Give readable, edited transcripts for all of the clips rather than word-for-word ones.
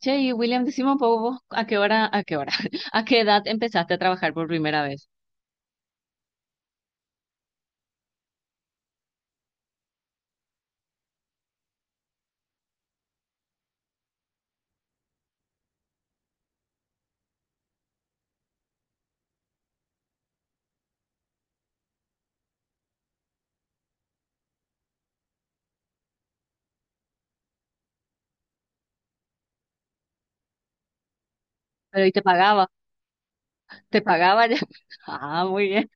Che, y William, decime un poco vos, a qué edad empezaste a trabajar por primera vez. Pero ¿y te pagaba ya? Ah, muy bien.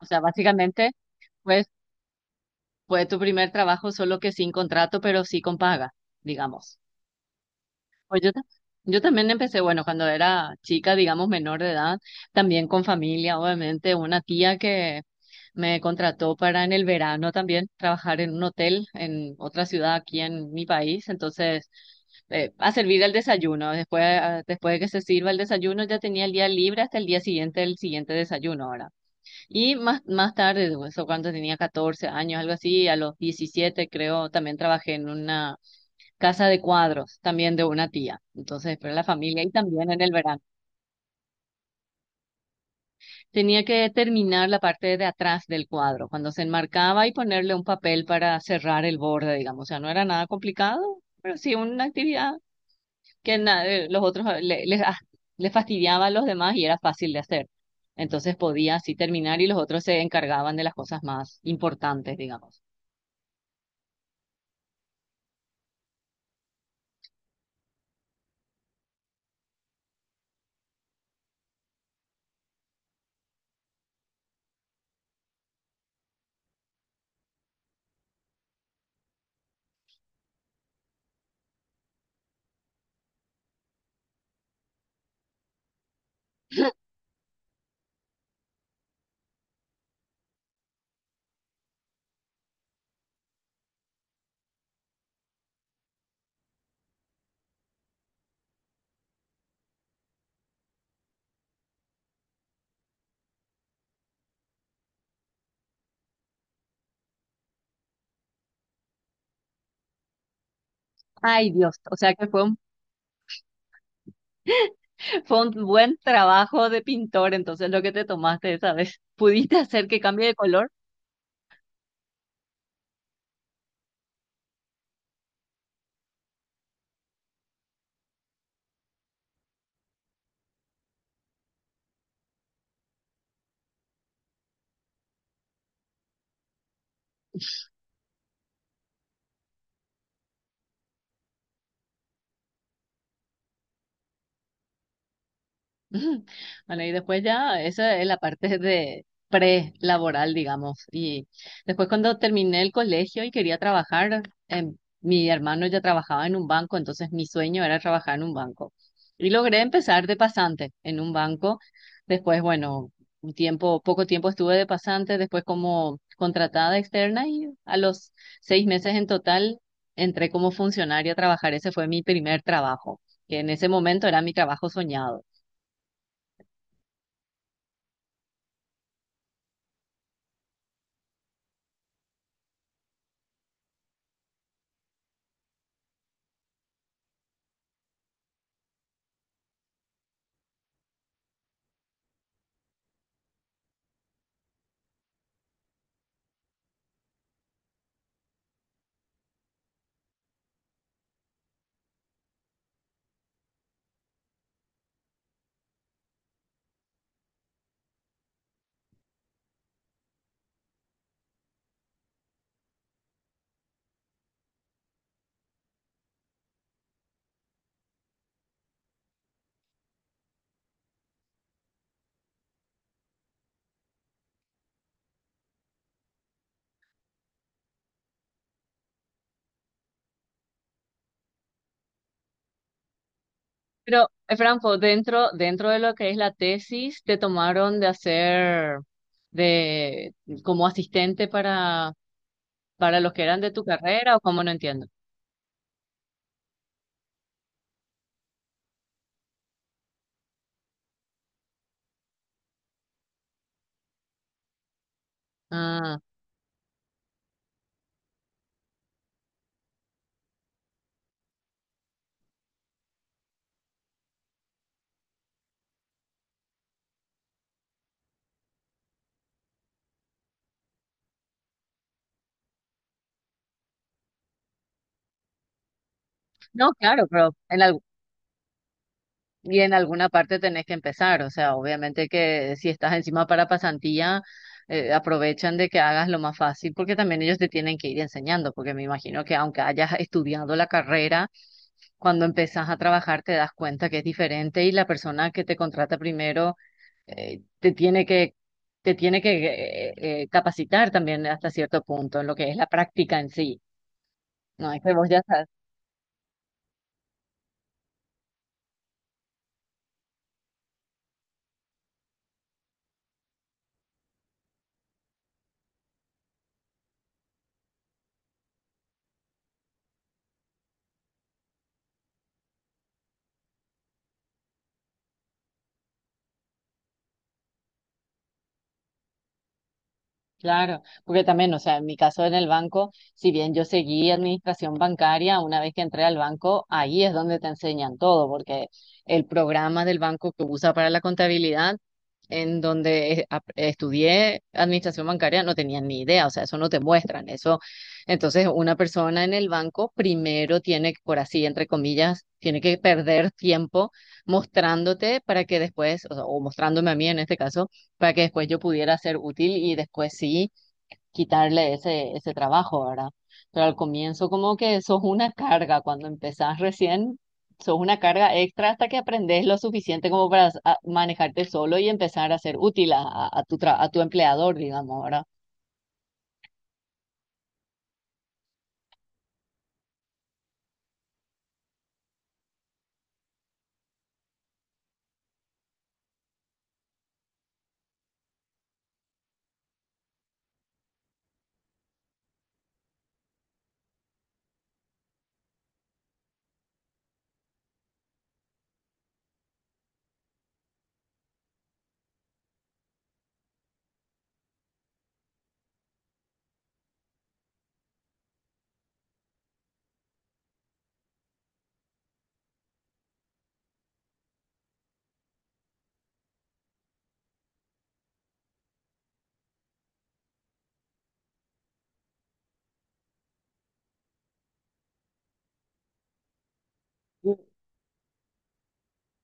O sea, básicamente, pues, fue tu primer trabajo, solo que sin contrato, pero sí con paga, digamos. Pues yo, yo también empecé, bueno, cuando era chica, digamos, menor de edad, también con familia, obviamente, una tía que me contrató para en el verano también trabajar en un hotel en otra ciudad aquí en mi país. Entonces, a servir el desayuno, después, ah, después de que se sirva el desayuno, ya tenía el día libre hasta el día siguiente, el siguiente desayuno ahora. Y más tarde, eso cuando tenía 14 años, algo así, a los 17 creo, también trabajé en una casa de cuadros, también de una tía. Entonces, pero la familia y también en el verano. Tenía que terminar la parte de atrás del cuadro, cuando se enmarcaba y ponerle un papel para cerrar el borde, digamos. O sea, no era nada complicado, pero sí una actividad que los otros les fastidiaba a los demás y era fácil de hacer. Entonces podía así terminar y los otros se encargaban de las cosas más importantes, digamos. Ay, Dios, o sea que fue un fue un buen trabajo de pintor, entonces lo que te tomaste esa vez. ¿Pudiste hacer que cambie de color? Ujú. Bueno, y después ya, esa es la parte de pre-laboral, digamos. Y después cuando terminé el colegio y quería trabajar, em, mi hermano ya trabajaba en un banco, entonces mi sueño era trabajar en un banco. Y logré empezar de pasante en un banco. Después, bueno, un tiempo, poco tiempo estuve de pasante, después como contratada externa y a los 6 meses en total entré como funcionaria a trabajar. Ese fue mi primer trabajo, que en ese momento era mi trabajo soñado. Pero, Franco, dentro de lo que es la tesis, te tomaron de hacer de como asistente para los que eran de tu carrera, o cómo, no entiendo. Ah, no, claro, pero y en alguna parte tenés que empezar. O sea, obviamente que si estás encima para pasantía, aprovechan de que hagas lo más fácil, porque también ellos te tienen que ir enseñando, porque me imagino que aunque hayas estudiado la carrera, cuando empezás a trabajar te das cuenta que es diferente y la persona que te contrata primero eh, te tiene que, te tiene que capacitar también hasta cierto punto en lo que es la práctica en sí. No es que vos ya sabes. Claro, porque también, o sea, en mi caso en el banco, si bien yo seguí administración bancaria, una vez que entré al banco, ahí es donde te enseñan todo, porque el programa del banco que usa para la contabilidad, en donde estudié administración bancaria, no tenía ni idea, o sea, eso no te muestran, eso. Entonces, una persona en el banco primero tiene que, por así, entre comillas, tiene que perder tiempo mostrándote para que después, o sea, o mostrándome a mí en este caso para que después yo pudiera ser útil y después sí quitarle ese trabajo, ¿verdad? Pero al comienzo como que sos una carga, cuando empezás recién, sos una carga extra hasta que aprendes lo suficiente como para manejarte solo y empezar a ser útil a, a tu empleador, digamos, ¿verdad? Mm.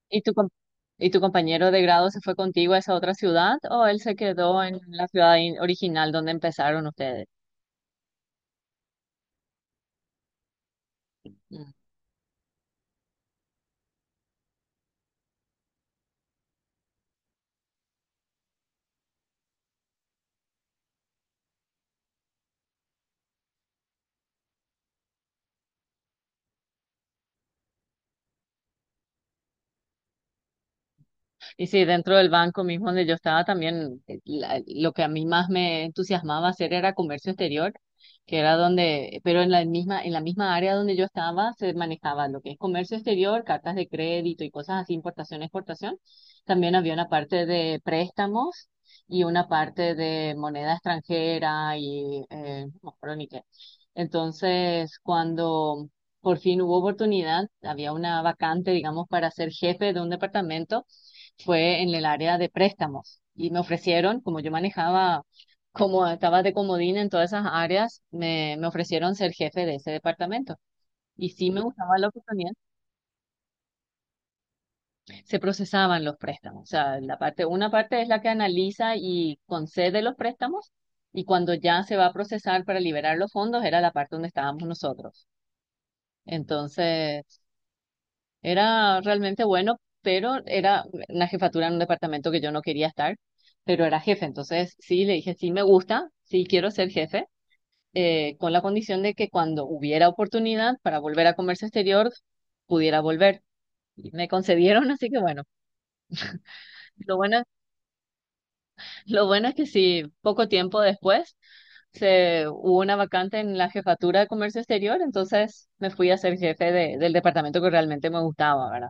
¿Y y tu compañero de grado se fue contigo a esa otra ciudad o él se quedó en la ciudad original donde empezaron ustedes? Y sí, dentro del banco mismo donde yo estaba también, lo que a mí más me entusiasmaba hacer era comercio exterior, que era donde, pero en la misma área donde yo estaba se manejaba lo que es comercio exterior, cartas de crédito y cosas así, importación, exportación. También había una parte de préstamos y una parte de moneda extranjera y no me acuerdo ni qué. Entonces, cuando por fin hubo oportunidad, había una vacante, digamos, para ser jefe de un departamento, fue en el área de préstamos y me ofrecieron, como yo manejaba, como estaba de comodín en todas esas áreas, me ofrecieron ser jefe de ese departamento. Y sí me gustaba la oportunidad. Se procesaban los préstamos. O sea, la parte, una parte es la que analiza y concede los préstamos y cuando ya se va a procesar para liberar los fondos era la parte donde estábamos nosotros. Entonces, era realmente bueno, pero era una jefatura en un departamento que yo no quería estar, pero era jefe. Entonces, sí, le dije, sí, me gusta, sí, quiero ser jefe, con la condición de que cuando hubiera oportunidad para volver a comercio exterior, pudiera volver. Y me concedieron, así que bueno, lo bueno, lo bueno es que sí, poco tiempo después hubo una vacante en la jefatura de comercio exterior, entonces me fui a ser jefe del departamento que realmente me gustaba, ¿verdad?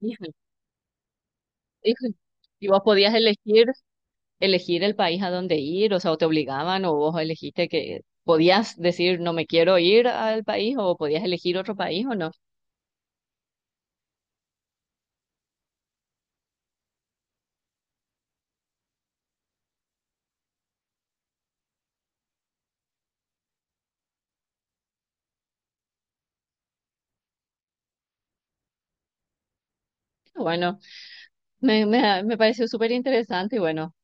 Híjole, híjole. ¿Y vos podías elegir, elegir el país a donde ir? O sea, ¿o te obligaban o vos elegiste, que podías decir no me quiero ir al país, o podías elegir otro país o no? Bueno, me pareció súper interesante y bueno,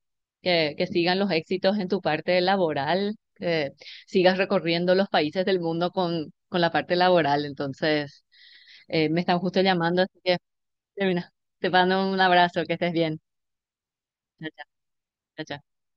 que sigan los éxitos en tu parte laboral, que sigas recorriendo los países del mundo con la parte laboral. Entonces, me están justo llamando, así que termina. Te mando un abrazo, que estés bien. Chao, chao. Chao, chao.